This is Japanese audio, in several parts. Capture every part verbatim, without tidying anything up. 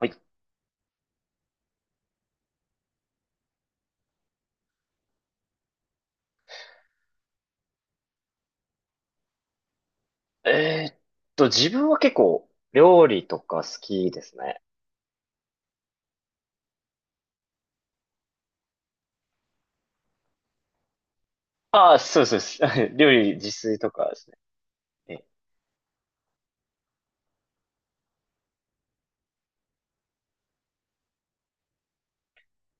はい。えーっと、自分は結構料理とか好きですね。ああ、そうです、そうです。料理自炊とかですね。え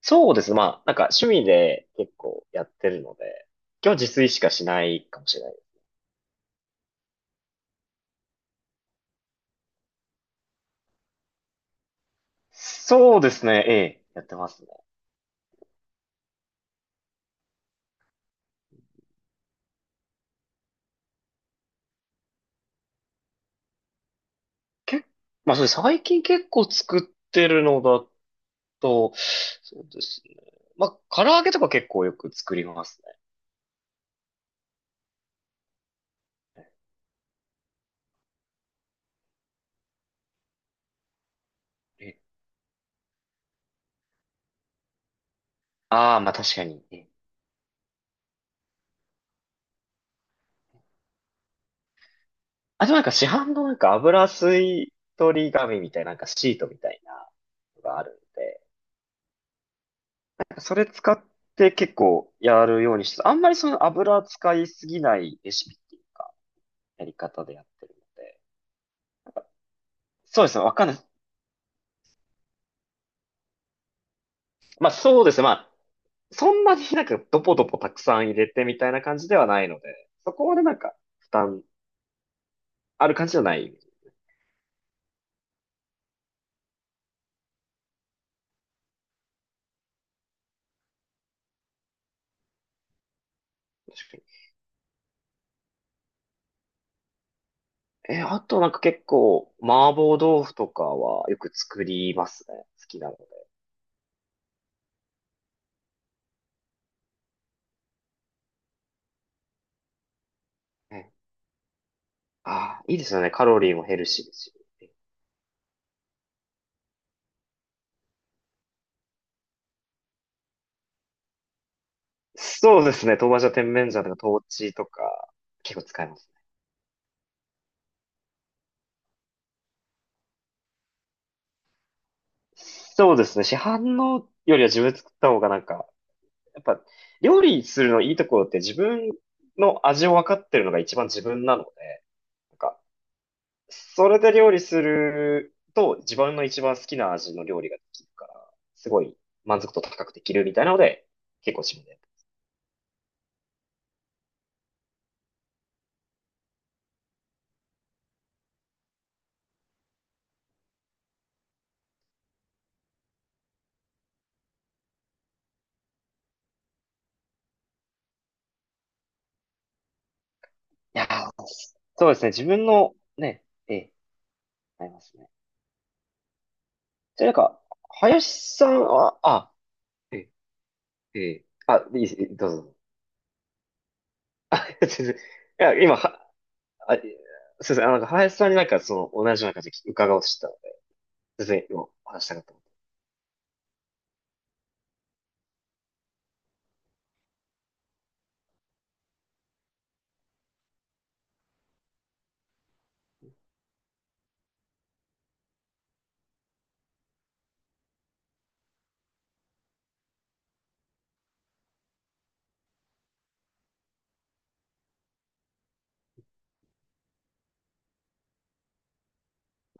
そうですね。まあ、なんか趣味で結構やってるので、今日自炊しかしないかもしれない。そうですね。ええ、やってますね。結まあ、それ最近結構作ってるのだと、そうですね。まあ、唐揚げとか結構よく作りますね。ええ。ああ、まあ確かに。ええ。あ、でもなんか市販のなんか油吸い取り紙みたいな、なんかシートみたいなのがあるんで、なんかそれ使って結構やるようにして、あんまりその油使いすぎないレシピっていうか、やり方でやってるので。そうですね、わかんない。まあそうですね、まあ、そんなになんかドポドポたくさん入れてみたいな感じではないので、そこまでなんか負担ある感じじゃない。確かに。え、あとなんか結構麻婆豆腐とかはよく作りますね。好きなので。ああ、いいですよね。カロリーもヘルシーですし。そうですね。豆板醤、甜麺醤とか、豆豉とか。結構使えます。そうですね。市販のよりは自分で作った方がなんか、やっぱ、料理するのいいところって自分の味を分かってるのが一番自分なので、なんか、それで料理すると自分の一番好きな味の料理ができるから、すごい満足度高くできるみたいなので、結構自分で。いやー、そうですね。自分のね、ええ、ありますね。じゃあなんか、林さんは、あ、ええ、あ、いいです、えどうぞ。あ、全然。いや、今、は、あ、えすいません、あ、なんか林さんになんかその、同じような感じで伺おうとしてたので、全然今、お話したかった。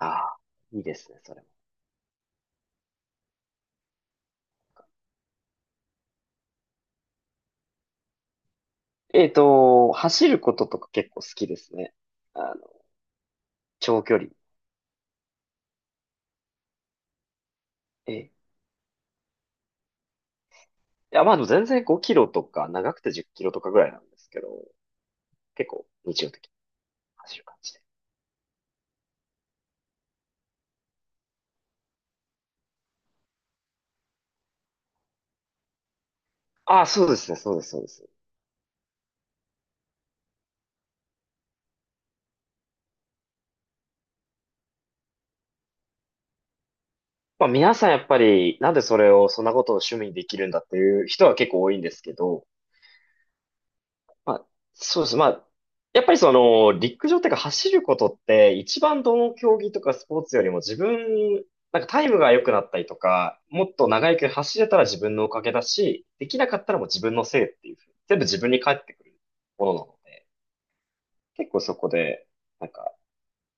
ああ、いいですね、それも。えっと、走ることとか結構好きですね。あの、長距離。ええ。いや、まあでも全然ごキロとか、長くてじっキロとかぐらいなんですけど、結構日常的に走る感じで。ああ、そうですね、そうです、そうです。まあ、皆さんやっぱり、なんでそれを、そんなことを趣味にできるんだっていう人は結構多いんですけど、まあ、そうです。まあ、やっぱりその、陸上っていうか走ることって、一番どの競技とかスポーツよりも自分、なんかタイムが良くなったりとか、もっと長い距離走れたら自分のおかげだし、できなかったらもう自分のせいっていうふうに、全部自分に返ってくるものなので、結構そこで、なんか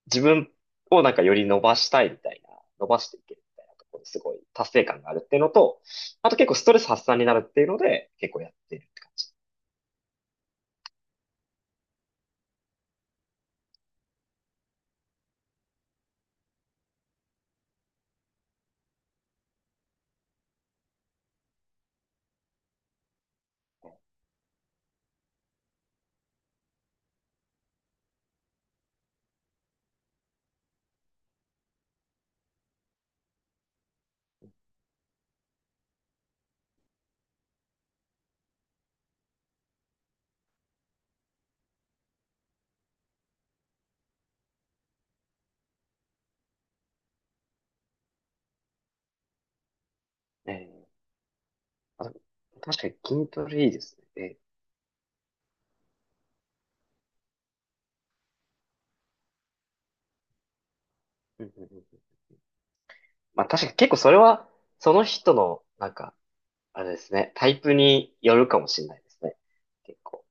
自分をなんかより伸ばしたいみたいな、伸ばしていけるみたいなところですごい達成感があるっていうのと、あと結構ストレス発散になるっていうので、結構やってるって感じ。ええ。あ、確かに筋トレいいですね。ええ。うん、うん、うん、うん。まあ確かに結構それは、その人の、なんか、あれですね、タイプによるかもしれないですね。結構。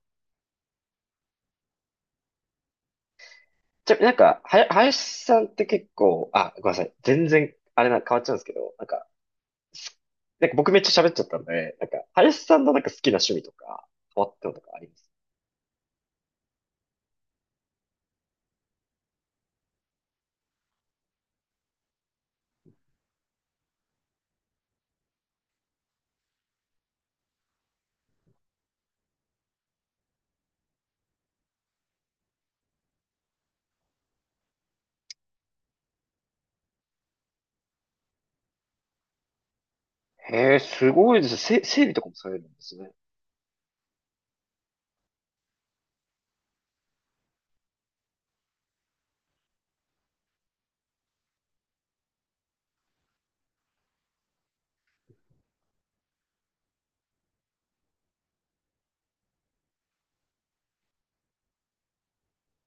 じゃ、なんか、はや、林さんって結構、あ、ごめんなさい。全然、あれな、変わっちゃうんですけど、なんか、すなんか僕めっちゃ喋っちゃったんで、なんか、林さんのなんか好きな趣味とか、変わったのとかあります？へえ、すごいですね。せ、整備とかもされるんですね。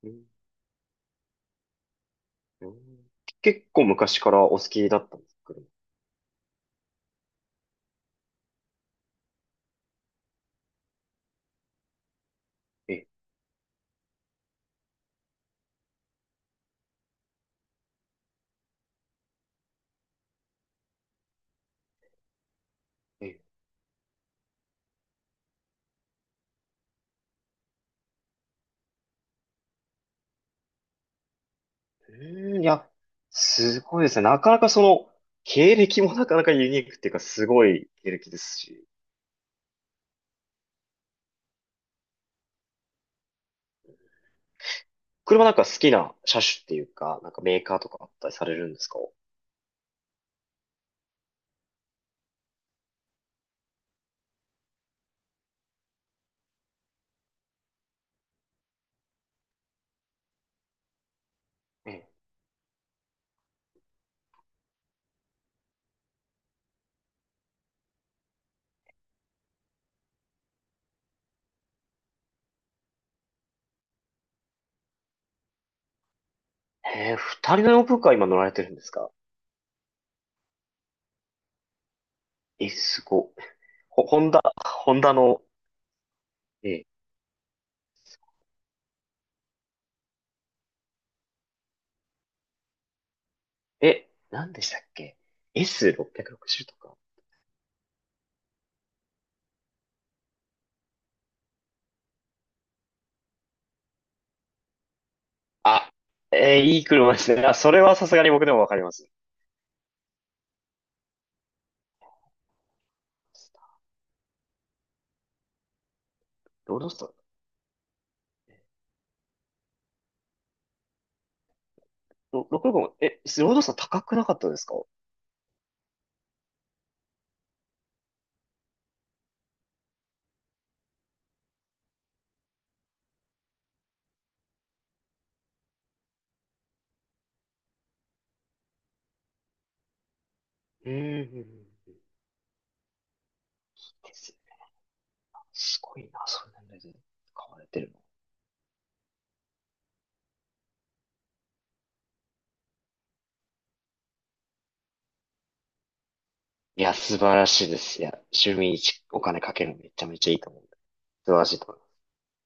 うん、うん。結構昔からお好きだったんですか、車？え、え、うん。いや、すごいですね。なかなかその、経歴もなかなかユニークっていうか、すごい経歴ですし。車、なんか好きな車種っていうか、なんかメーカーとかあったりされるんですか？ええ。へえ、ふたりのオープンカー今乗られてるんですか？え、すごい。ほ、ホンダ、ホンダの。ええ、え、何でしたっけ？ エスろくろくまる とか。あ、えーいい車ですね。あ、それはさすがに僕でもわかります。ロードスター、ろろっぴゃくろくじゅうご、え、ロードスター高くなかったですか？うん、うん、うん。いいですね。すごいな、そんなので買われてるの。いや、素晴らしいです。いや、趣味にお金かけるのめちゃめちゃいいと思う。素晴らしいと思います。